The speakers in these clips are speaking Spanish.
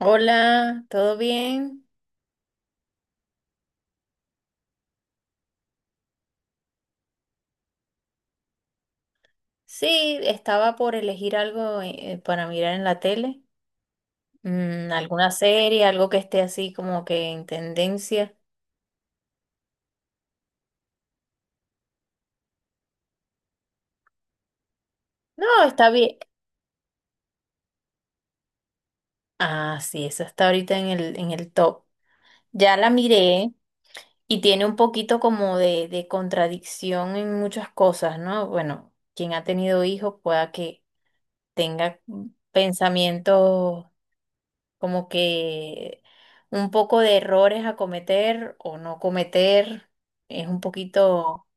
Hola, ¿todo bien? Sí, estaba por elegir algo para mirar en la tele. Alguna serie, algo que esté así como que en tendencia. No, está bien. Ah, sí, eso está ahorita en el top. Ya la miré y tiene un poquito como de contradicción en muchas cosas, ¿no? Bueno, quien ha tenido hijos pueda que tenga pensamientos como que un poco de errores a cometer o no cometer, es un poquito,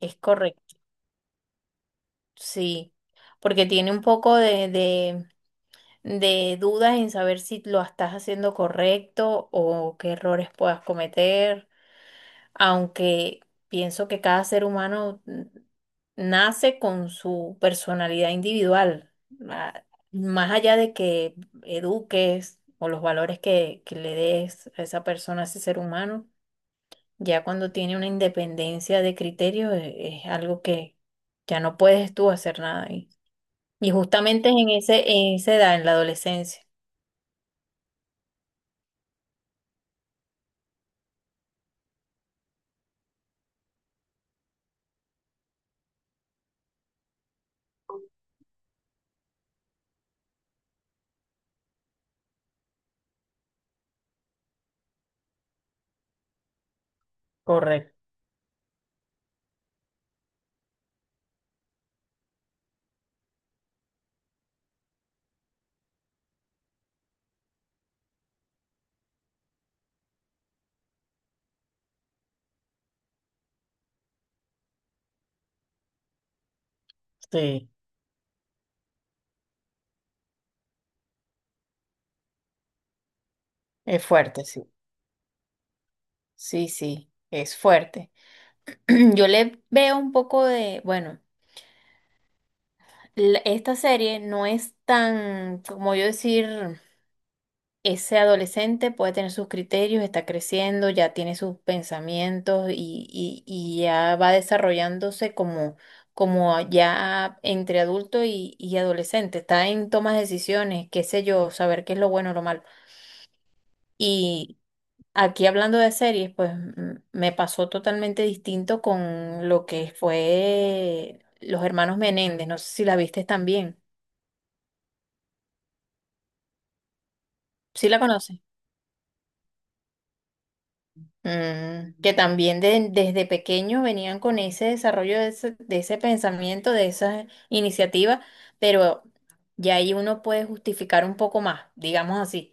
es correcto, sí, porque tiene un poco de dudas en saber si lo estás haciendo correcto o qué errores puedas cometer. Aunque pienso que cada ser humano nace con su personalidad individual. ma- Más allá de que eduques o los valores que le des a esa persona, a ese ser humano, ya cuando tiene una independencia de criterio es algo que ya no puedes tú hacer nada ahí. Y justamente es en en esa edad, en la adolescencia. Correcto, sí. Es fuerte, sí. Sí, sí, es fuerte. Yo le veo un poco de, bueno, esta serie no es tan, como yo decir, ese adolescente puede tener sus criterios, está creciendo, ya tiene sus pensamientos y ya va desarrollándose como, como ya entre adulto y adolescente, está en tomas de decisiones, qué sé yo, saber qué es lo bueno o lo malo. Aquí hablando de series, pues me pasó totalmente distinto con lo que fue Los Hermanos Menéndez. No sé si la viste también. ¿Sí la conoces? Mm, que también desde pequeños venían con ese desarrollo de ese pensamiento, de esa iniciativa, pero ya ahí uno puede justificar un poco más, digamos así.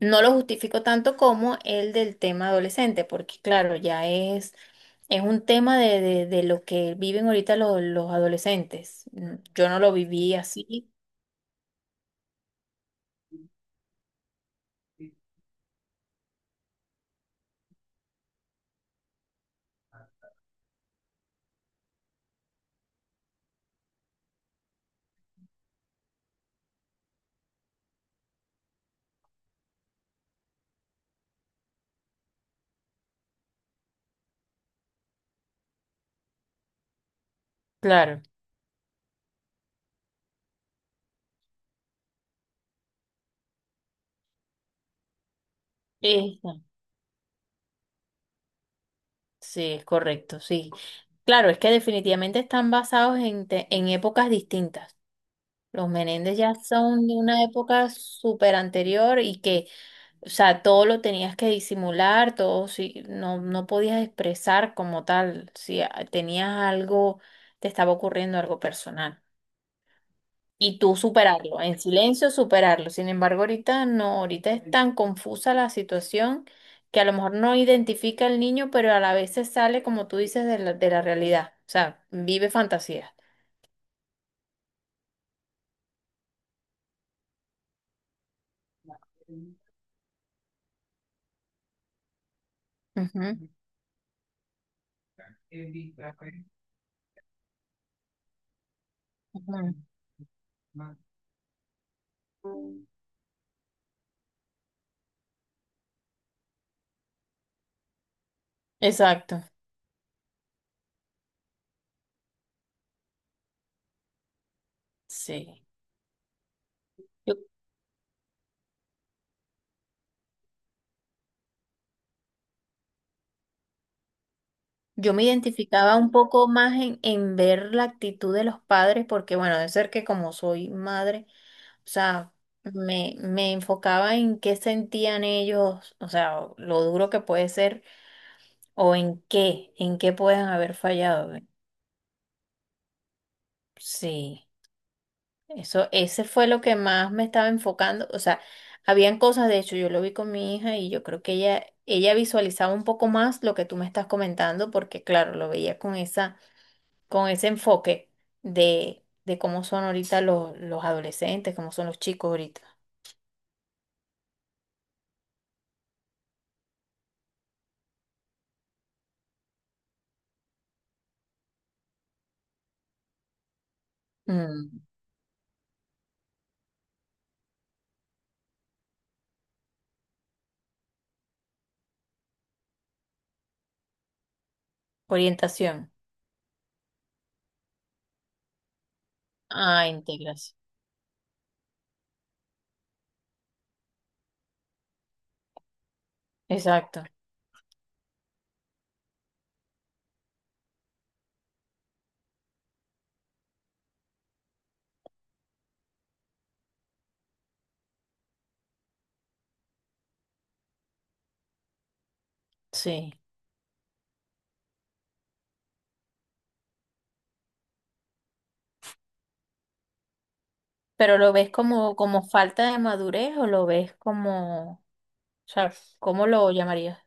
No lo justifico tanto como el del tema adolescente, porque claro, ya es. Es un tema de, de lo que viven ahorita los adolescentes. Mm, yo no lo viví así. Claro. Exacto. Sí, es correcto, sí. Claro, es que definitivamente están basados en, en épocas distintas. Los Menéndez ya son de una época súper anterior y que, o sea, todo lo tenías que disimular, todo, sí, no, no podías expresar como tal, si tenías algo, te estaba ocurriendo algo personal. Y tú superarlo, en silencio superarlo. Sin embargo, ahorita no, ahorita es tan confusa la situación que a lo mejor no identifica al niño, pero a la vez se sale, como tú dices, de de la realidad. O sea, vive fantasías. Ujú. Exacto. Sí. Yo, yo me identificaba un poco más en ver la actitud de los padres, porque bueno, de ser que como soy madre, o sea, me enfocaba en qué sentían ellos, o sea, lo duro que puede ser. ¿O en qué? ¿En qué pueden haber fallado? Sí, eso, ese fue lo que más me estaba enfocando. O sea, habían cosas, de hecho, yo lo vi con mi hija y yo creo que ella visualizaba un poco más lo que tú me estás comentando, porque claro, lo veía con esa, con ese enfoque de cómo son ahorita los adolescentes, cómo son los chicos ahorita. Mm, orientación. Ah, integración. Exacto. Sí. Pero lo ves como, como falta de madurez o lo ves como, o sea, ¿cómo lo llamarías?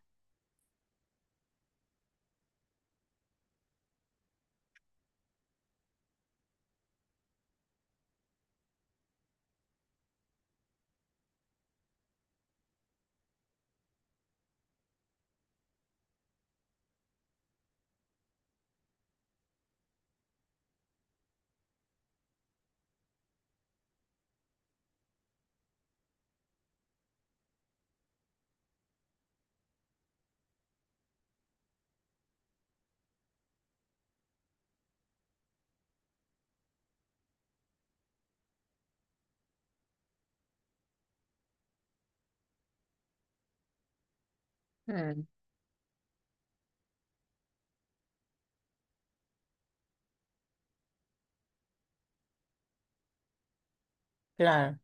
Mm, claro.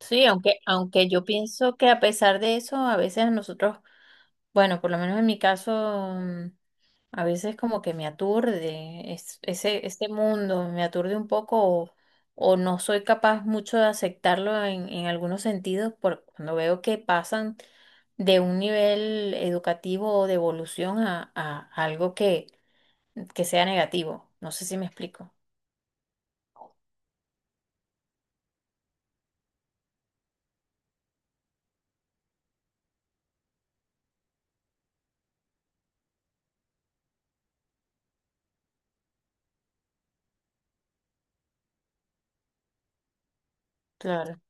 Sí, aunque, aunque yo pienso que a pesar de eso, a veces nosotros, bueno, por lo menos en mi caso, a veces como que me aturde ese, ese mundo, me aturde un poco o no soy capaz mucho de aceptarlo en algunos sentidos por cuando veo que pasan de un nivel educativo o de evolución a algo que sea negativo. No sé si me explico. Claro.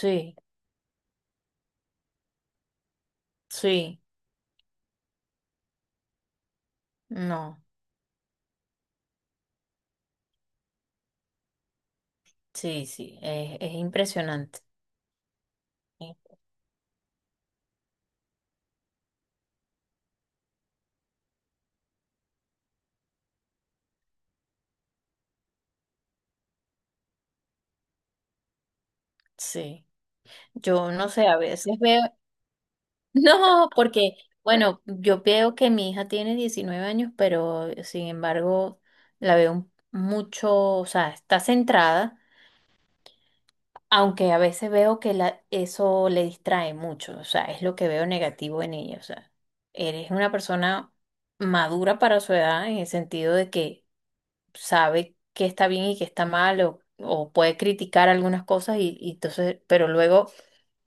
Sí, sí, no. Sí, sí, es impresionante. eh, Sí. Yo no sé, a veces veo, no, porque, bueno, yo veo que mi hija tiene 19 años, pero sin embargo la veo mucho, o sea, está centrada, aunque a veces veo que la, eso le distrae mucho, o sea, es lo que veo negativo en ella, o sea, eres una persona madura para su edad en el sentido de que sabe qué está bien y qué está mal o puede criticar algunas cosas y entonces, pero luego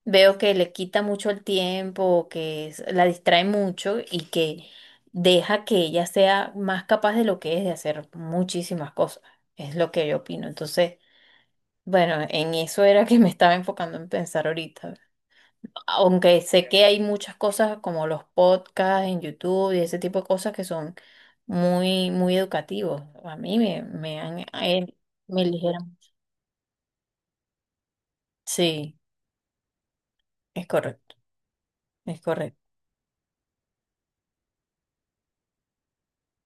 veo que le quita mucho el tiempo, o que la distrae mucho y que deja que ella sea más capaz de lo que es de hacer muchísimas cosas. Es lo que yo opino. Entonces, bueno, en eso era que me estaba enfocando en pensar ahorita. Aunque sé que hay muchas cosas como los podcasts en YouTube y ese tipo de cosas que son muy, muy educativos. A mí me han, a él me eligieron. Sí, es correcto, es correcto.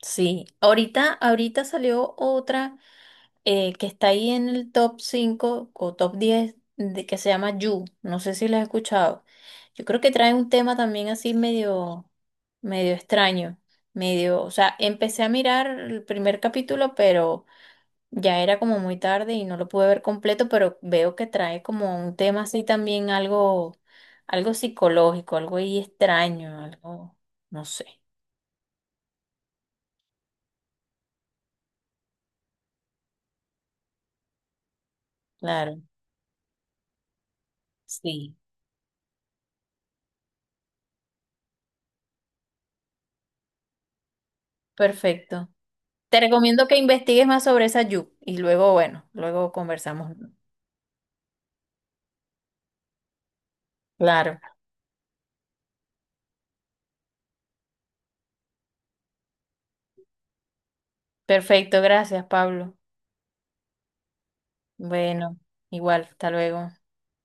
Sí, ahorita, ahorita salió otra que está ahí en el top 5 o top 10 de, que se llama You. No sé si la has escuchado. Yo creo que trae un tema también así medio, medio extraño, medio, o sea, empecé a mirar el primer capítulo, pero ya era como muy tarde y no lo pude ver completo, pero veo que trae como un tema así también algo, algo psicológico, algo ahí extraño, algo, no sé, claro, sí, perfecto. Te recomiendo que investigues más sobre esa Yu y luego, bueno, luego conversamos. Claro, perfecto, gracias, Pablo. Bueno, igual, hasta luego.